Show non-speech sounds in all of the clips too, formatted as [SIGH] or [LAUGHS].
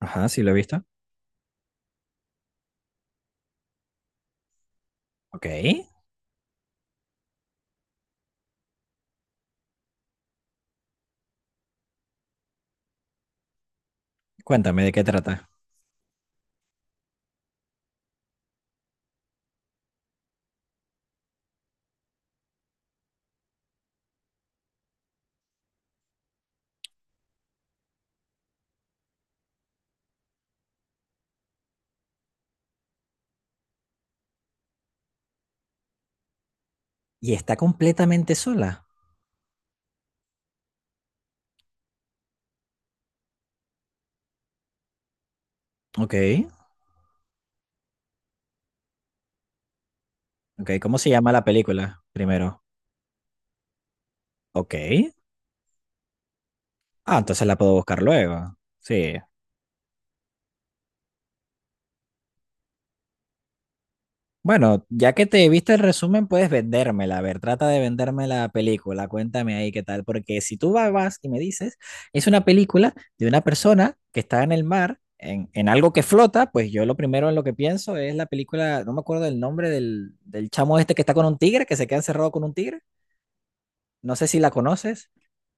Ajá, sí lo he visto. Ok. Cuéntame de qué trata. Y está completamente sola. Ok. Ok. ¿Cómo se llama la película? Primero. Ok. Ah, entonces la puedo buscar luego. Sí. Bueno, ya que te viste el resumen, puedes vendérmela. A ver, trata de venderme la película. Cuéntame ahí qué tal. Porque si vas y me dices, es una película de una persona que está en el mar, en algo que flota, pues yo lo primero en lo que pienso es la película, no me acuerdo el nombre del chamo este que está con un tigre, que se queda encerrado con un tigre. No sé si la conoces.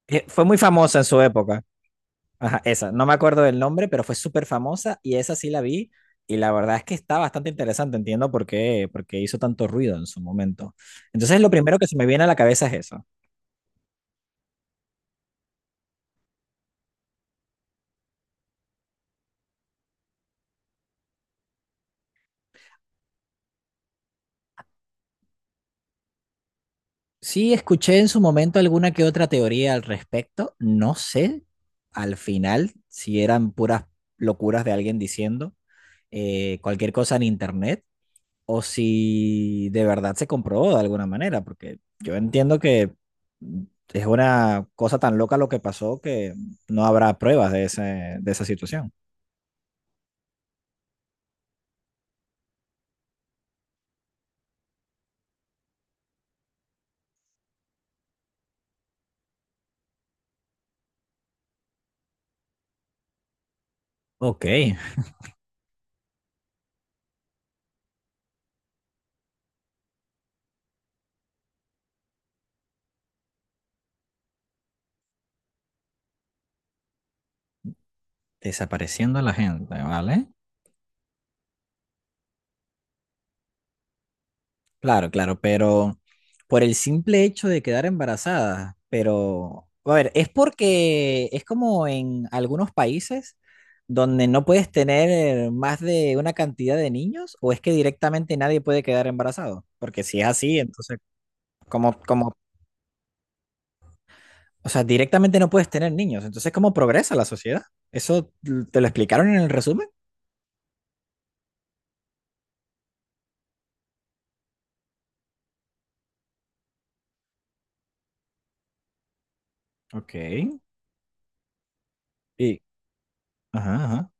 Fue muy famosa en su época. Ajá, esa. No me acuerdo del nombre, pero fue súper famosa y esa sí la vi. Y la verdad es que está bastante interesante. Entiendo por qué, porque hizo tanto ruido en su momento. Entonces, lo primero que se me viene a la cabeza es eso. Sí, escuché en su momento alguna que otra teoría al respecto. No sé al final si eran puras locuras de alguien diciendo cualquier cosa en internet o si de verdad se comprobó de alguna manera, porque yo entiendo que es una cosa tan loca lo que pasó que no habrá pruebas de esa situación. Ok, desapareciendo a la gente, ¿vale? Claro, claro, pero por el simple hecho de quedar embarazada, pero, a ver, es porque es como en algunos países donde no puedes tener más de una cantidad de niños o es que directamente nadie puede quedar embarazado, porque si es así, entonces Como, como, o sea, directamente no puedes tener niños. Entonces, ¿cómo progresa la sociedad? ¿Eso te lo explicaron en el resumen? Ok. Y, ajá, ajá.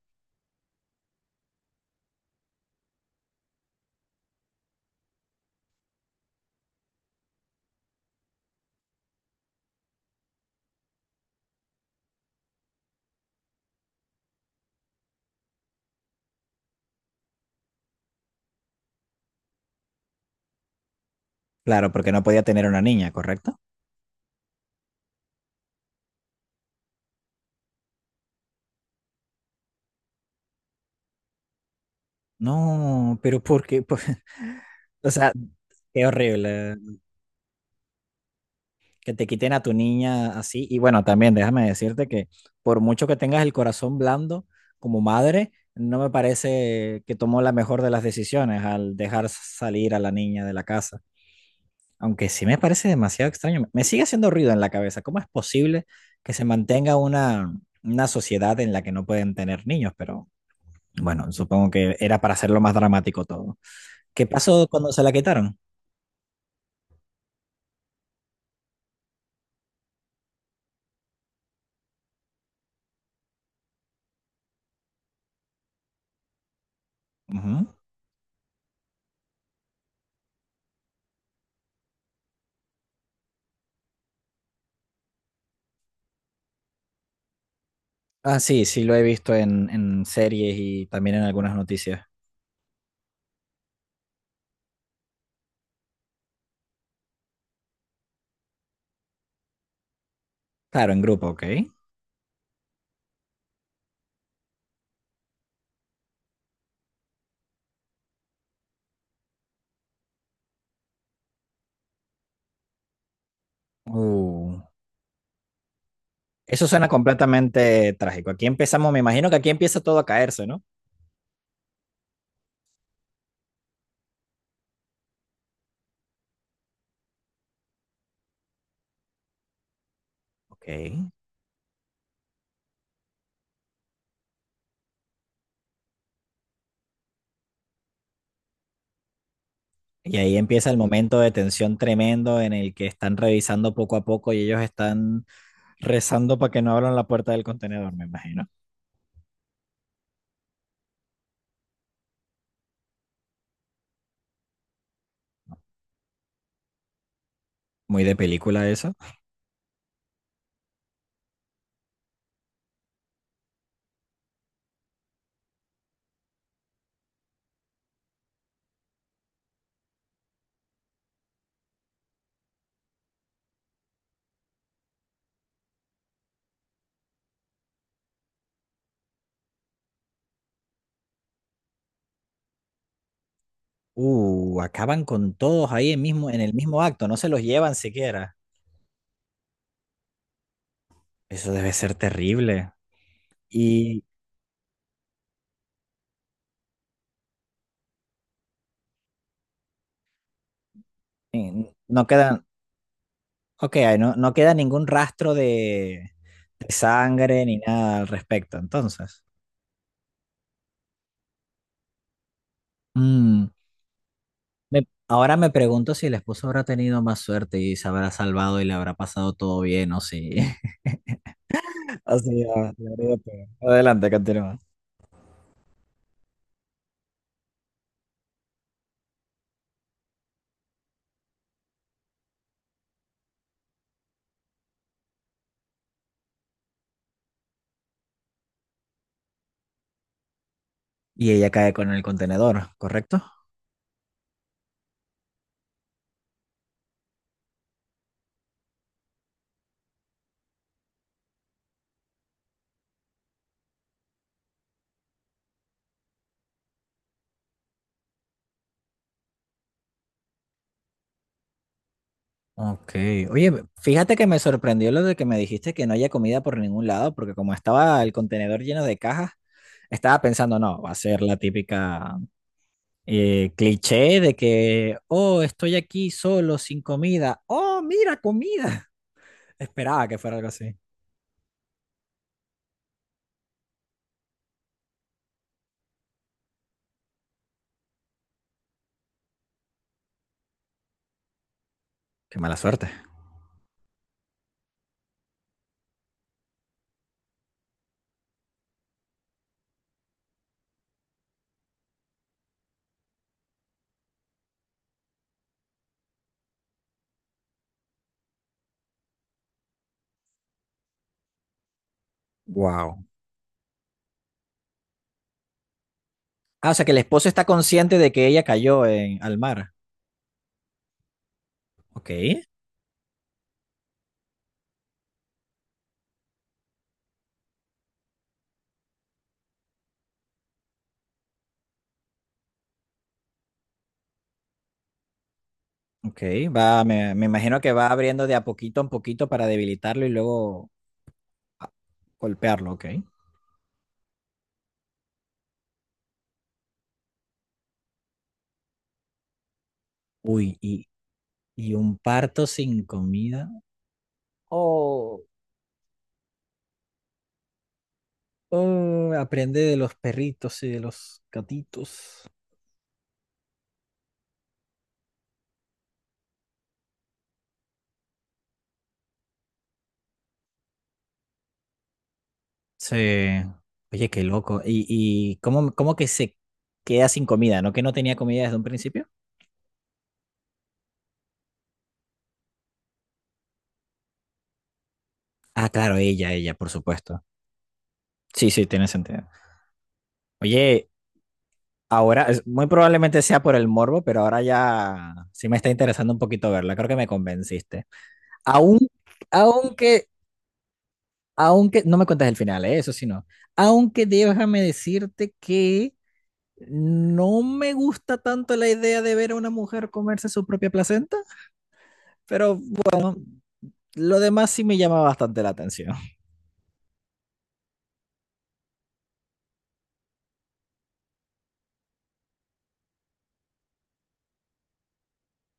Claro, porque no podía tener una niña, ¿correcto? No, pero porque, [LAUGHS] o sea, qué horrible que te quiten a tu niña así. Y bueno, también déjame decirte que por mucho que tengas el corazón blando como madre, no me parece que tomó la mejor de las decisiones al dejar salir a la niña de la casa. Aunque sí me parece demasiado extraño, me sigue haciendo ruido en la cabeza. ¿Cómo es posible que se mantenga una sociedad en la que no pueden tener niños? Pero bueno, supongo que era para hacerlo más dramático todo. ¿Qué pasó cuando se la quitaron? Ujú. Ah, sí, sí lo he visto en series y también en algunas noticias. Claro, en grupo, ok. Uh, eso suena completamente trágico. Aquí empezamos, me imagino que aquí empieza todo a caerse, ¿no? Ok. Y ahí empieza el momento de tensión tremendo en el que están revisando poco a poco y ellos están rezando para que no abran la puerta del contenedor, me imagino. Muy de película eso. Acaban con todos ahí en mismo, en el mismo acto, no se los llevan siquiera. Eso debe ser terrible. Y no quedan, ok, no queda ningún rastro de sangre ni nada al respecto, entonces. Mm, Ahora me pregunto si el esposo habrá tenido más suerte y se habrá salvado y le habrá pasado todo bien o si... [LAUGHS] Así, ah, la verdad, pero- Adelante, continúa. Y ella cae con el contenedor, ¿correcto? Ok. Oye, fíjate que me sorprendió lo de que me dijiste que no haya comida por ningún lado, porque como estaba el contenedor lleno de cajas, estaba pensando, no, va a ser la típica cliché de que, oh, estoy aquí solo, sin comida. Oh, mira, comida. [LAUGHS] Esperaba que fuera algo así. Qué mala suerte. Wow. Ah, o sea que el esposo está consciente de que ella cayó en, al mar. Ok, ok. Va, me imagino que va abriendo de a poquito en poquito para debilitarlo y luego ah, golpearlo, ok. Uy, y un parto sin comida. Oh, oh, aprende de los perritos y de los gatitos. Sí. Oye, qué loco. Y cómo, cómo que se queda sin comida? ¿No que no tenía comida desde un principio? Ah, claro, ella, por supuesto. Sí, sí, tiene sentido. Oye, Ahora, muy probablemente sea por el morbo, pero ahora ya sí me está interesando un poquito verla. Creo que me convenciste. Aún, aunque, Aunque, no me cuentes el final, ¿eh? Eso sí no. Aunque déjame decirte que no me gusta tanto la idea de ver a una mujer comerse su propia placenta, pero lo demás sí me llama bastante la atención.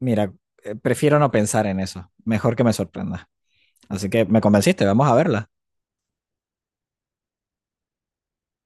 Mira, prefiero no pensar en eso. Mejor que me sorprenda. Así que me convenciste, vamos a verla.